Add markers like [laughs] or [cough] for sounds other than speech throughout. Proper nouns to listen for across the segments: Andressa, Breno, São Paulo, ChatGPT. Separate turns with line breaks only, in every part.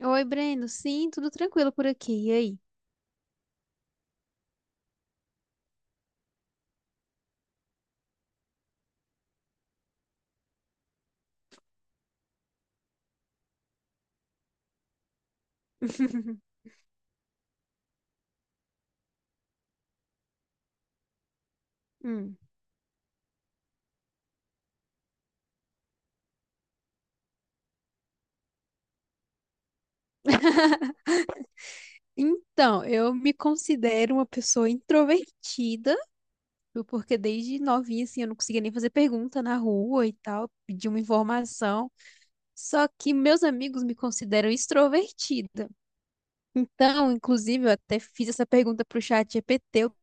Oi, Breno. Sim, tudo tranquilo por aqui. E aí? [laughs] Hum. [laughs] Então, eu me considero uma pessoa introvertida, viu, porque desde novinha, assim, eu não conseguia nem fazer pergunta na rua e tal, pedir uma informação. Só que meus amigos me consideram extrovertida. Então, inclusive, eu até fiz essa pergunta pro chat GPT, eu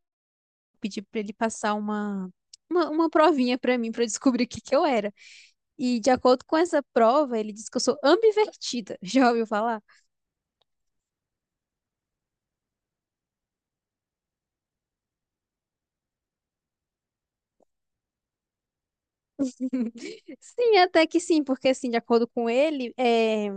pedi para ele passar uma, uma provinha para mim, para eu descobrir o que que eu era. E de acordo com essa prova, ele disse que eu sou ambivertida. [laughs] Já ouviu falar? Sim, até que sim, porque assim, de acordo com ele, é,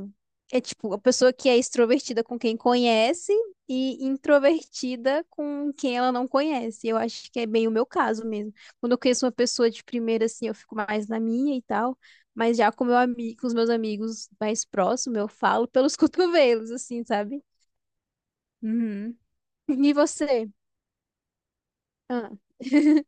é tipo a pessoa que é extrovertida com quem conhece e introvertida com quem ela não conhece. Eu acho que é bem o meu caso mesmo. Quando eu conheço uma pessoa de primeira, assim, eu fico mais na minha e tal, mas já com meu amigo, com os meus amigos mais próximos, eu falo pelos [laughs] cotovelos, assim, sabe? Uhum. E você? Ah. [laughs]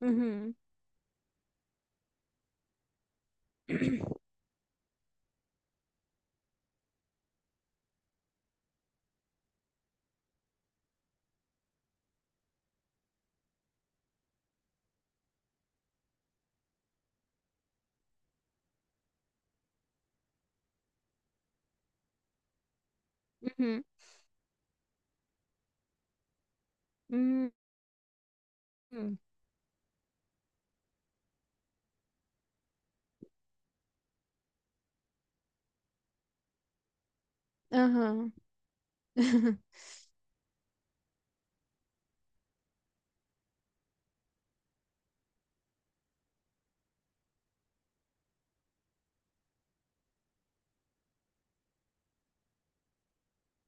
Uhum. Uhum. Uhum. Uhum. Aham. [laughs]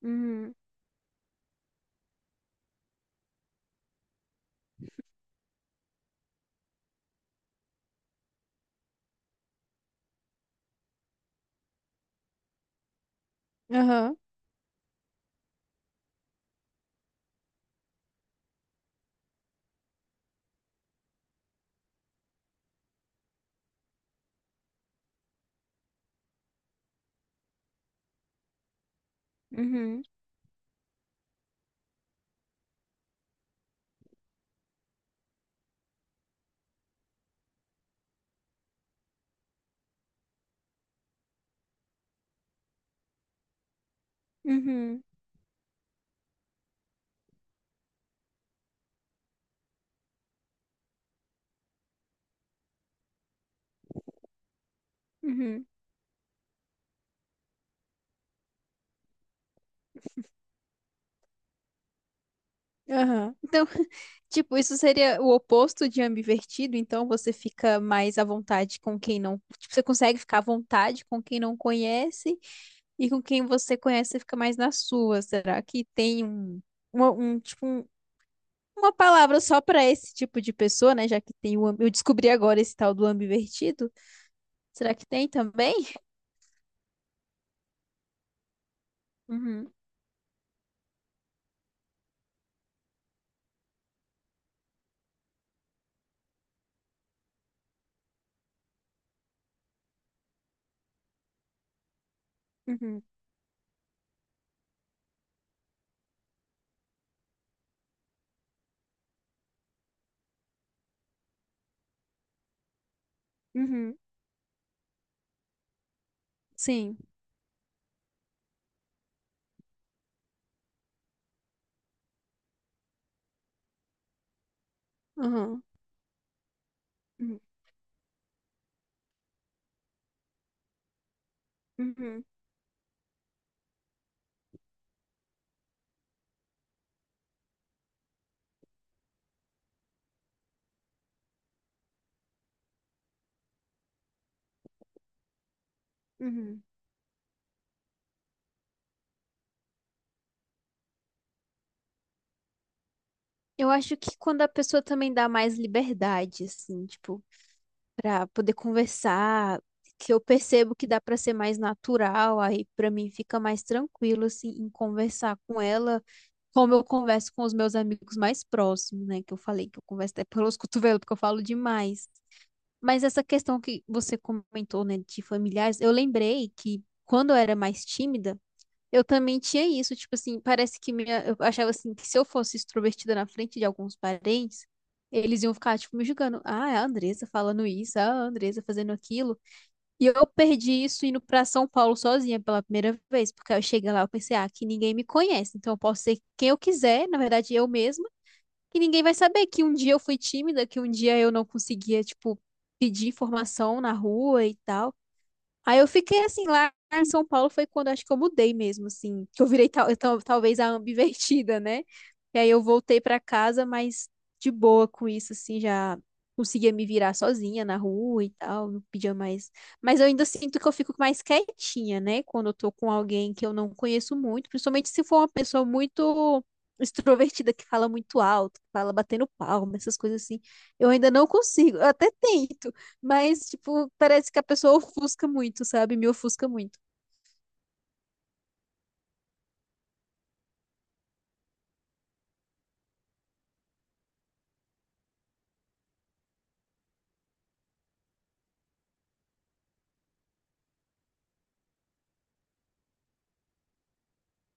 Uhum. Aham. Uhum, uhum, uhum, aham. Então, [laughs] tipo, isso seria o oposto de ambivertido, então você fica mais à vontade com quem não. Tipo, você consegue ficar à vontade com quem não conhece, e com quem você conhece, você fica mais na sua. Será que tem um, uma, um, tipo, um- uma palavra só para esse tipo de pessoa, né? Já que tem o. am- Eu descobri agora esse tal do ambivertido. Será que tem também? Uhum, uhum, uhum, sim. Uhum, uhum, uhum, uhum. Eu acho que quando a pessoa também dá mais liberdade, assim, tipo, pra poder conversar, que eu percebo que dá pra ser mais natural, aí pra mim fica mais tranquilo, assim, em conversar com ela, como eu converso com os meus amigos mais próximos, né? Que eu falei que eu converso até pelos [laughs] cotovelos, porque eu falo demais. Mas essa questão que você comentou, né, de familiares, eu lembrei que quando eu era mais tímida, eu também tinha isso, tipo assim, parece que minha, eu achava assim que se eu fosse extrovertida na frente de alguns parentes, eles iam ficar tipo me julgando. Ah, é a Andressa falando isso, ah, a Andressa fazendo aquilo. E eu perdi isso indo pra São Paulo sozinha pela primeira vez, porque eu cheguei lá, eu pensei, ah, que ninguém me conhece, então eu posso ser quem eu quiser, na verdade eu mesma, que ninguém vai saber que um dia eu fui tímida, que um dia eu não conseguia, tipo, pedir informação na rua e tal. Aí eu fiquei assim lá em São Paulo foi quando acho que eu mudei mesmo, assim, que eu virei talvez a ambivertida, [laughs] né? E aí eu voltei pra casa, mas de boa com isso, assim, já conseguia me virar sozinha na rua e tal, não pedia mais. Mas eu ainda sinto que eu fico mais quietinha, né? Quando eu tô com alguém que eu não conheço muito, principalmente se for uma pessoa muito extrovertida, que fala muito alto, que fala batendo palma, essas coisas assim. Eu ainda não consigo, eu até tento. Mas, tipo, parece que a pessoa ofusca muito, sabe? Me ofusca muito.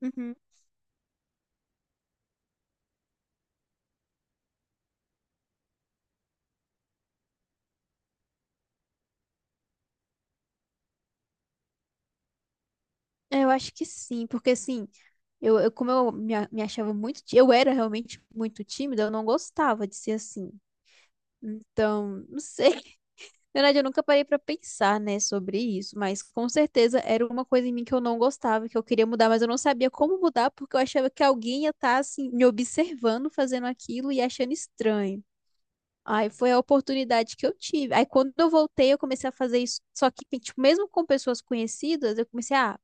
Uhum. É, eu acho que sim, porque assim, como eu me achava muito, eu era realmente muito tímida, eu não gostava de ser assim. Então, não sei, na verdade, eu nunca parei pra pensar, né, sobre isso, mas com certeza era uma coisa em mim que eu não gostava, que eu queria mudar, mas eu não sabia como mudar porque eu achava que alguém ia estar assim me observando fazendo aquilo e achando estranho. Aí foi a oportunidade que eu tive. Aí quando eu voltei, eu comecei a fazer isso, só que tipo, mesmo com pessoas conhecidas, eu comecei a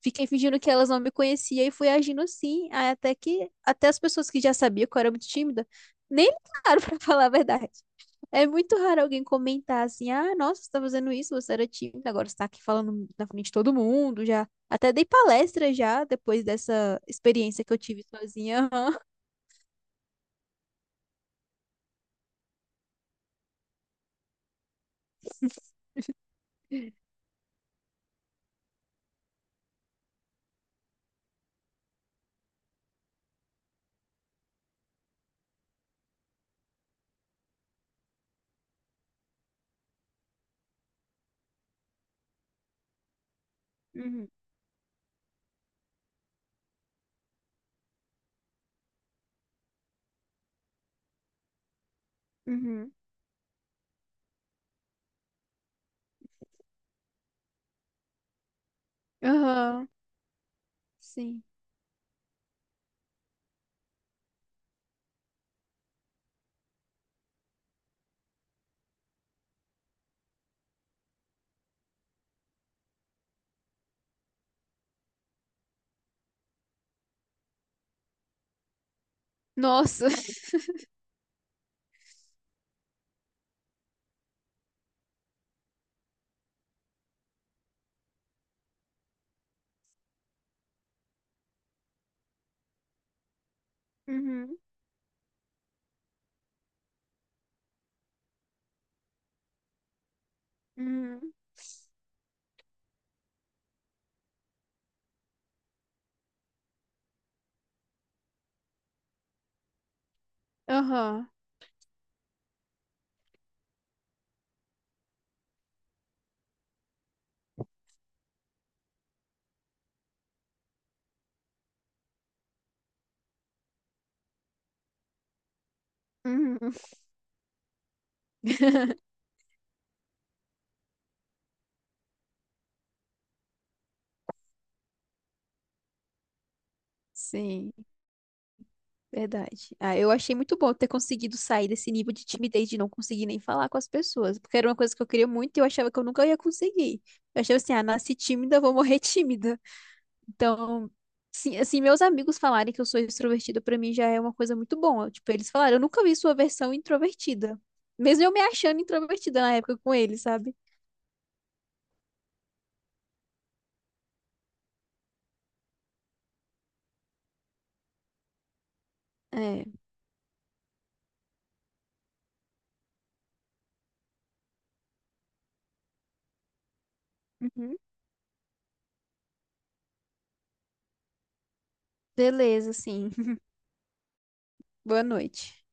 Fiquei fingindo que elas não me conheciam e fui agindo assim, aí até que até as pessoas que já sabiam que eu era muito tímida, nem ligaram [laughs] pra falar a verdade. É muito raro alguém comentar assim: "Ah, nossa, você tá fazendo isso, você era tímida, agora você tá aqui falando na frente de todo mundo, já até dei palestra já depois dessa experiência que eu tive sozinha". [laughs] Aham. Uhum, uhum. Aham, sim. Nossa. [laughs] Uhum, uhum. Aham. Uhum. [laughs] Sim, verdade. Ah, eu achei muito bom ter conseguido sair desse nível de timidez de não conseguir nem falar com as pessoas, porque era uma coisa que eu queria muito e eu achava que eu nunca ia conseguir. Eu achava assim, ah, nasci tímida, vou morrer [laughs] tímida. Então, sim, assim, meus amigos falarem que eu sou extrovertida pra mim já é uma coisa muito boa. Tipo, eles falaram, eu nunca vi sua versão introvertida. Mesmo eu me achando introvertida na época com eles, sabe? É. Uhum. Beleza, sim. [laughs] Boa noite.